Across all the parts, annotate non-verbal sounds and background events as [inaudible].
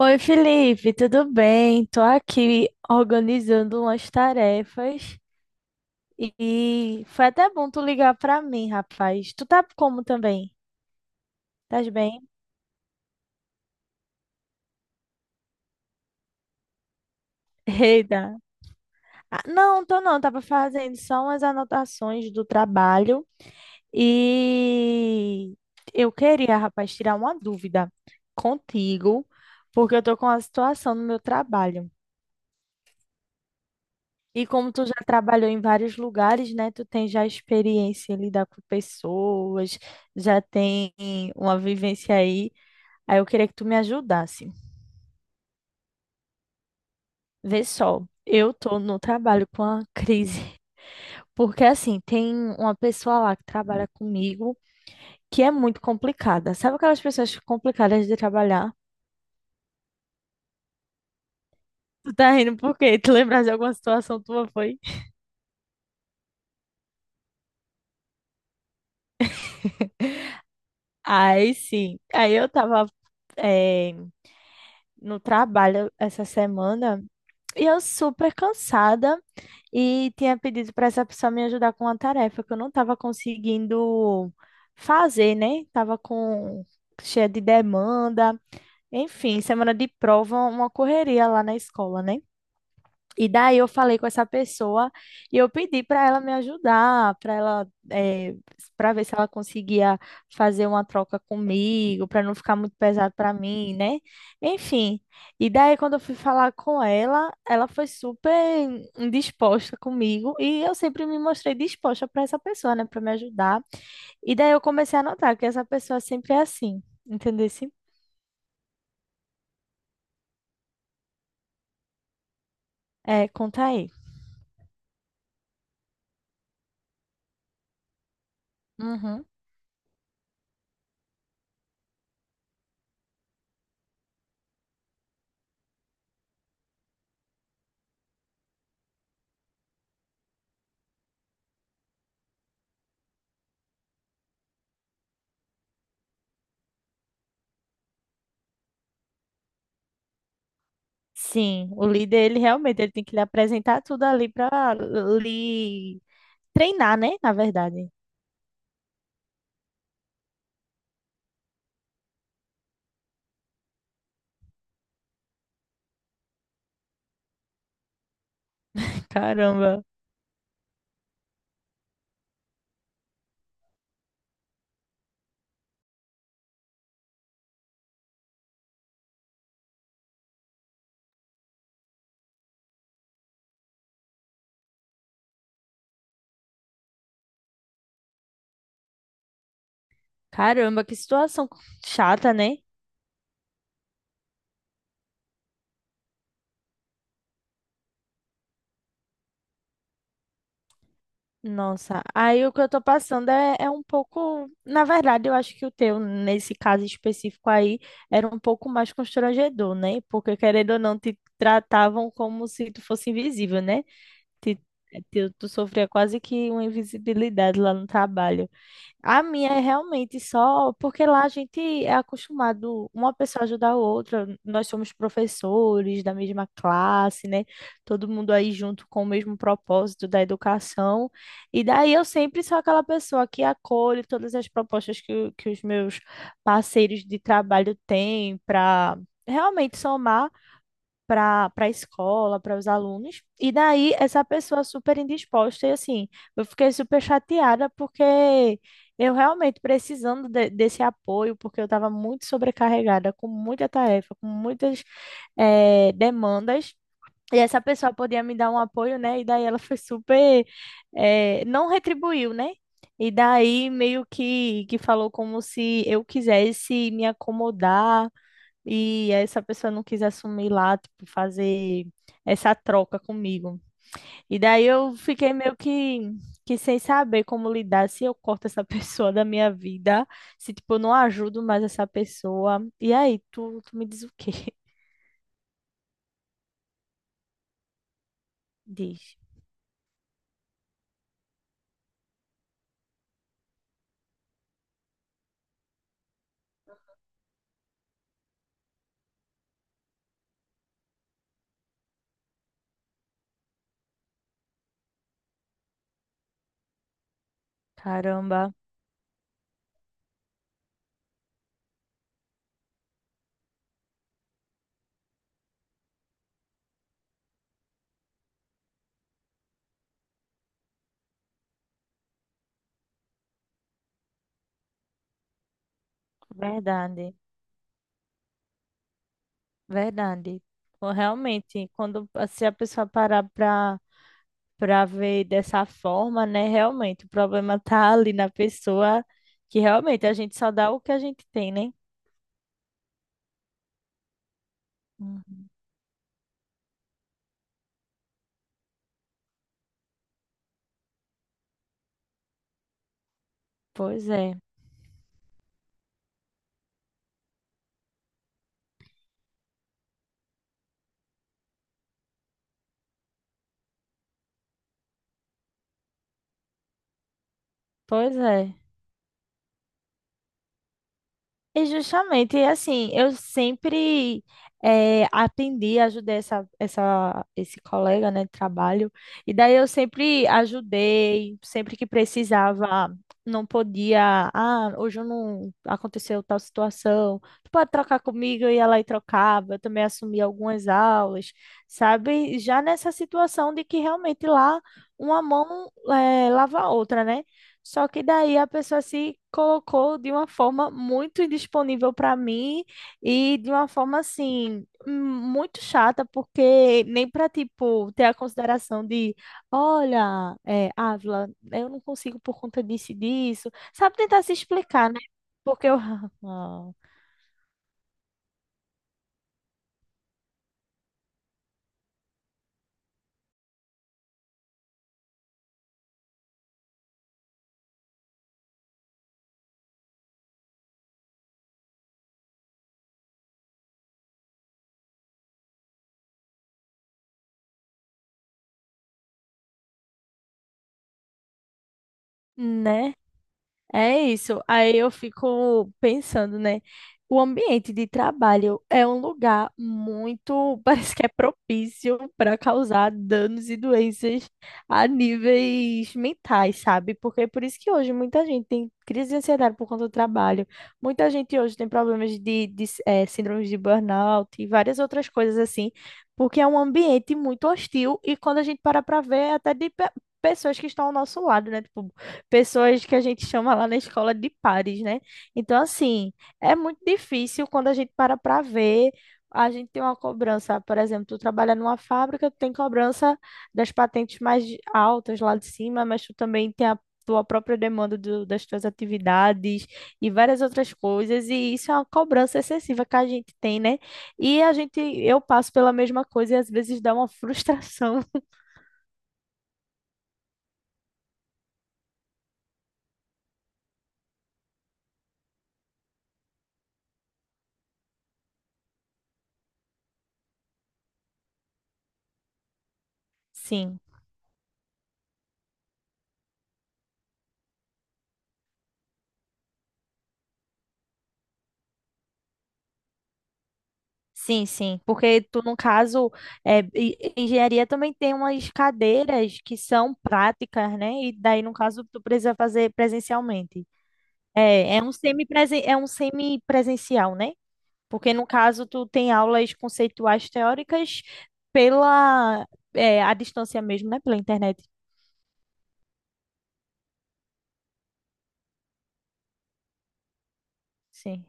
Oi, Felipe, tudo bem? Tô aqui organizando umas tarefas e foi até bom tu ligar pra mim, rapaz. Tu tá como também? Tás bem? [laughs] Eita. Ah, não, tô não, tava fazendo só umas anotações do trabalho e eu queria, rapaz, tirar uma dúvida contigo, porque eu tô com uma situação no meu trabalho. E como tu já trabalhou em vários lugares, né? Tu tem já experiência em lidar com pessoas, já tem uma vivência aí. Aí eu queria que tu me ajudasse. Vê só, eu tô no trabalho com a crise, [laughs] porque assim, tem uma pessoa lá que trabalha comigo que é muito complicada. Sabe aquelas pessoas complicadas de trabalhar? Tu tá rindo por quê? Tu lembras de alguma situação tua, foi? Aí sim. Aí eu tava, eh, no trabalho essa semana. E eu super cansada e tinha pedido para essa pessoa me ajudar com uma tarefa que eu não estava conseguindo fazer, né? Tava com cheia de demanda. Enfim, semana de prova, uma correria lá na escola, né? E daí eu falei com essa pessoa e eu pedi para ela me ajudar, para ela, para ver se ela conseguia fazer uma troca comigo, para não ficar muito pesado para mim, né? Enfim. E daí quando eu fui falar com ela, ela foi super indisposta comigo e eu sempre me mostrei disposta para essa pessoa, né, para me ajudar. E daí eu comecei a notar que essa pessoa sempre é assim, entendeu? É, conta aí. Uhum. Sim, o líder, ele realmente ele tem que lhe apresentar tudo ali para lhe treinar, né? Na verdade. Caramba. Caramba, que situação chata, né? Nossa, aí o que eu tô passando é, é um pouco. Na verdade, eu acho que o teu, nesse caso específico aí, era um pouco mais constrangedor, né? Porque, querendo ou não, te tratavam como se tu fosse invisível, né? Te- tu sofria quase que uma invisibilidade lá no trabalho. A minha é realmente só porque lá a gente é acostumado uma pessoa ajudar a outra. Nós somos professores da mesma classe, né? Todo mundo aí junto com o mesmo propósito da educação. E daí eu sempre sou aquela pessoa que acolhe todas as propostas que, que os meus parceiros de trabalho têm para realmente somar para para a escola, para os alunos. E daí essa pessoa super indisposta e assim, eu fiquei super chateada porque eu realmente precisando desse apoio, porque eu estava muito sobrecarregada, com muita tarefa, com muitas demandas. E essa pessoa podia me dar um apoio, né? E daí ela foi super, não retribuiu, né? E daí meio que falou como se eu quisesse me acomodar e essa pessoa não quis assumir lá, tipo, fazer essa troca comigo. E daí eu fiquei meio que sem saber como lidar, se eu corto essa [laughs] pessoa da minha vida, se, tipo, eu não ajudo mais essa pessoa. E aí, tu me diz o quê? [laughs] Diz. Caramba, verdade, verdade. Pô, realmente, quando se a pessoa parar pra, pra ver dessa forma, né? Realmente, o problema tá ali na pessoa, que realmente a gente só dá o que a gente tem, né? Uhum. Pois é, pois é. E justamente, e assim, eu sempre atendi, ajudei esse colega, né, de trabalho, e daí eu sempre ajudei, sempre que precisava, não podia, ah, hoje eu não aconteceu tal situação, tu pode trocar comigo, eu ia lá e trocava, eu também assumi algumas aulas, sabe? Já nessa situação de que realmente lá uma mão lava a outra, né? Só que daí a pessoa se colocou de uma forma muito indisponível para mim e de uma forma assim muito chata, porque nem para tipo ter a consideração de, olha, é, Ávila, eu não consigo por conta disso e disso, sabe tentar se explicar, né? Porque eu, [laughs] né? É isso. Aí eu fico pensando, né? O ambiente de trabalho é um lugar muito, [laughs] parece que é propício para causar danos e doenças a níveis mentais, sabe? Porque é por isso que hoje muita gente tem crise de ansiedade por conta do trabalho. Muita gente hoje tem problemas de síndromes de burnout e várias outras coisas assim, porque é um ambiente muito hostil e quando a gente para para ver, é até de pessoas que estão ao nosso lado, né? Tipo, pessoas que a gente chama lá na escola de pares, né? Então, assim, é muito difícil quando a gente para para ver. A gente tem uma cobrança, por exemplo, tu trabalha numa fábrica, tu tem cobrança das patentes mais altas lá de cima, mas tu também tem a tua própria demanda das tuas atividades e várias outras coisas, e isso é uma cobrança excessiva que a gente tem, né? E a gente, eu passo pela mesma coisa e às vezes dá uma frustração. [laughs] Sim. Sim, sim, porque tu, no caso, é, e- engenharia também tem umas cadeiras que são práticas, né? E daí, no caso, tu precisa fazer presencialmente. É, é um é um semipresencial, né? Porque, no caso, tu tem aulas conceituais teóricas pela, é, à distância mesmo, né? Pela internet. Sim.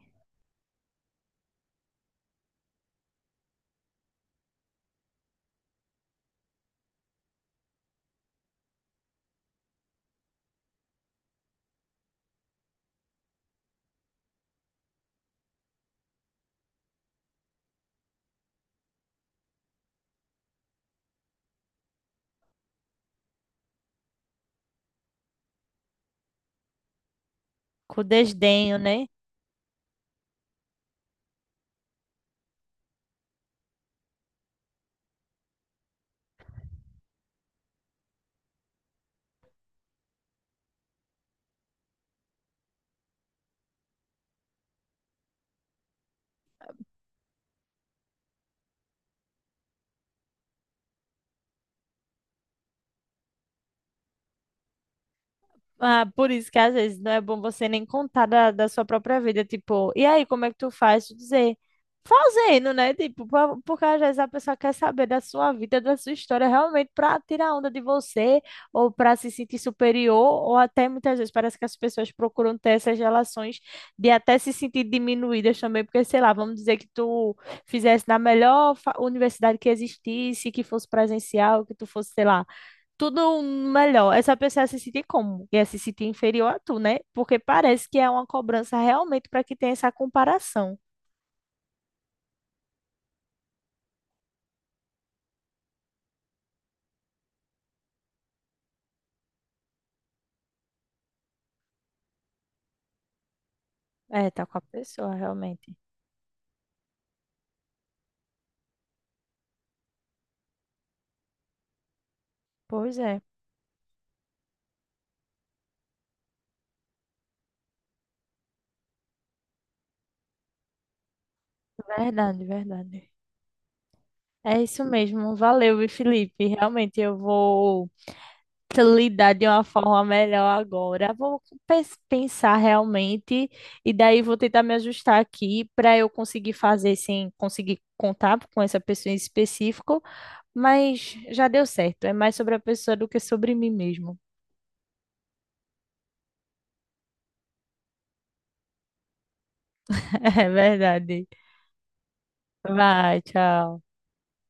Com desdenho, né? Ah, por isso que às vezes não é bom você nem contar da, da sua própria vida, tipo, e aí, como é que tu faz? Tu dizer, fazendo, né? Tipo, porque às vezes a pessoa quer saber da sua vida, da sua história, realmente para tirar onda de você, ou para se sentir superior, ou até muitas vezes parece que as pessoas procuram ter essas relações de até se sentir diminuídas também, porque, sei lá, vamos dizer que tu fizesse na melhor universidade que existisse, que fosse presencial, que tu fosse, sei lá tudo um melhor. Essa pessoa se sentir como? E é se sentir inferior a tu, né? Porque parece que é uma cobrança realmente para que tenha essa comparação. É, tá com a pessoa, realmente. Pois é, verdade, verdade. É isso mesmo. Valeu, viu, Felipe. Realmente eu vou te lidar de uma forma melhor agora. Vou pensar realmente e daí vou tentar me ajustar aqui para eu conseguir fazer sem conseguir contar com essa pessoa em específico. Mas já deu certo. É mais sobre a pessoa do que sobre mim mesmo. [laughs] É verdade. Vai, tchau.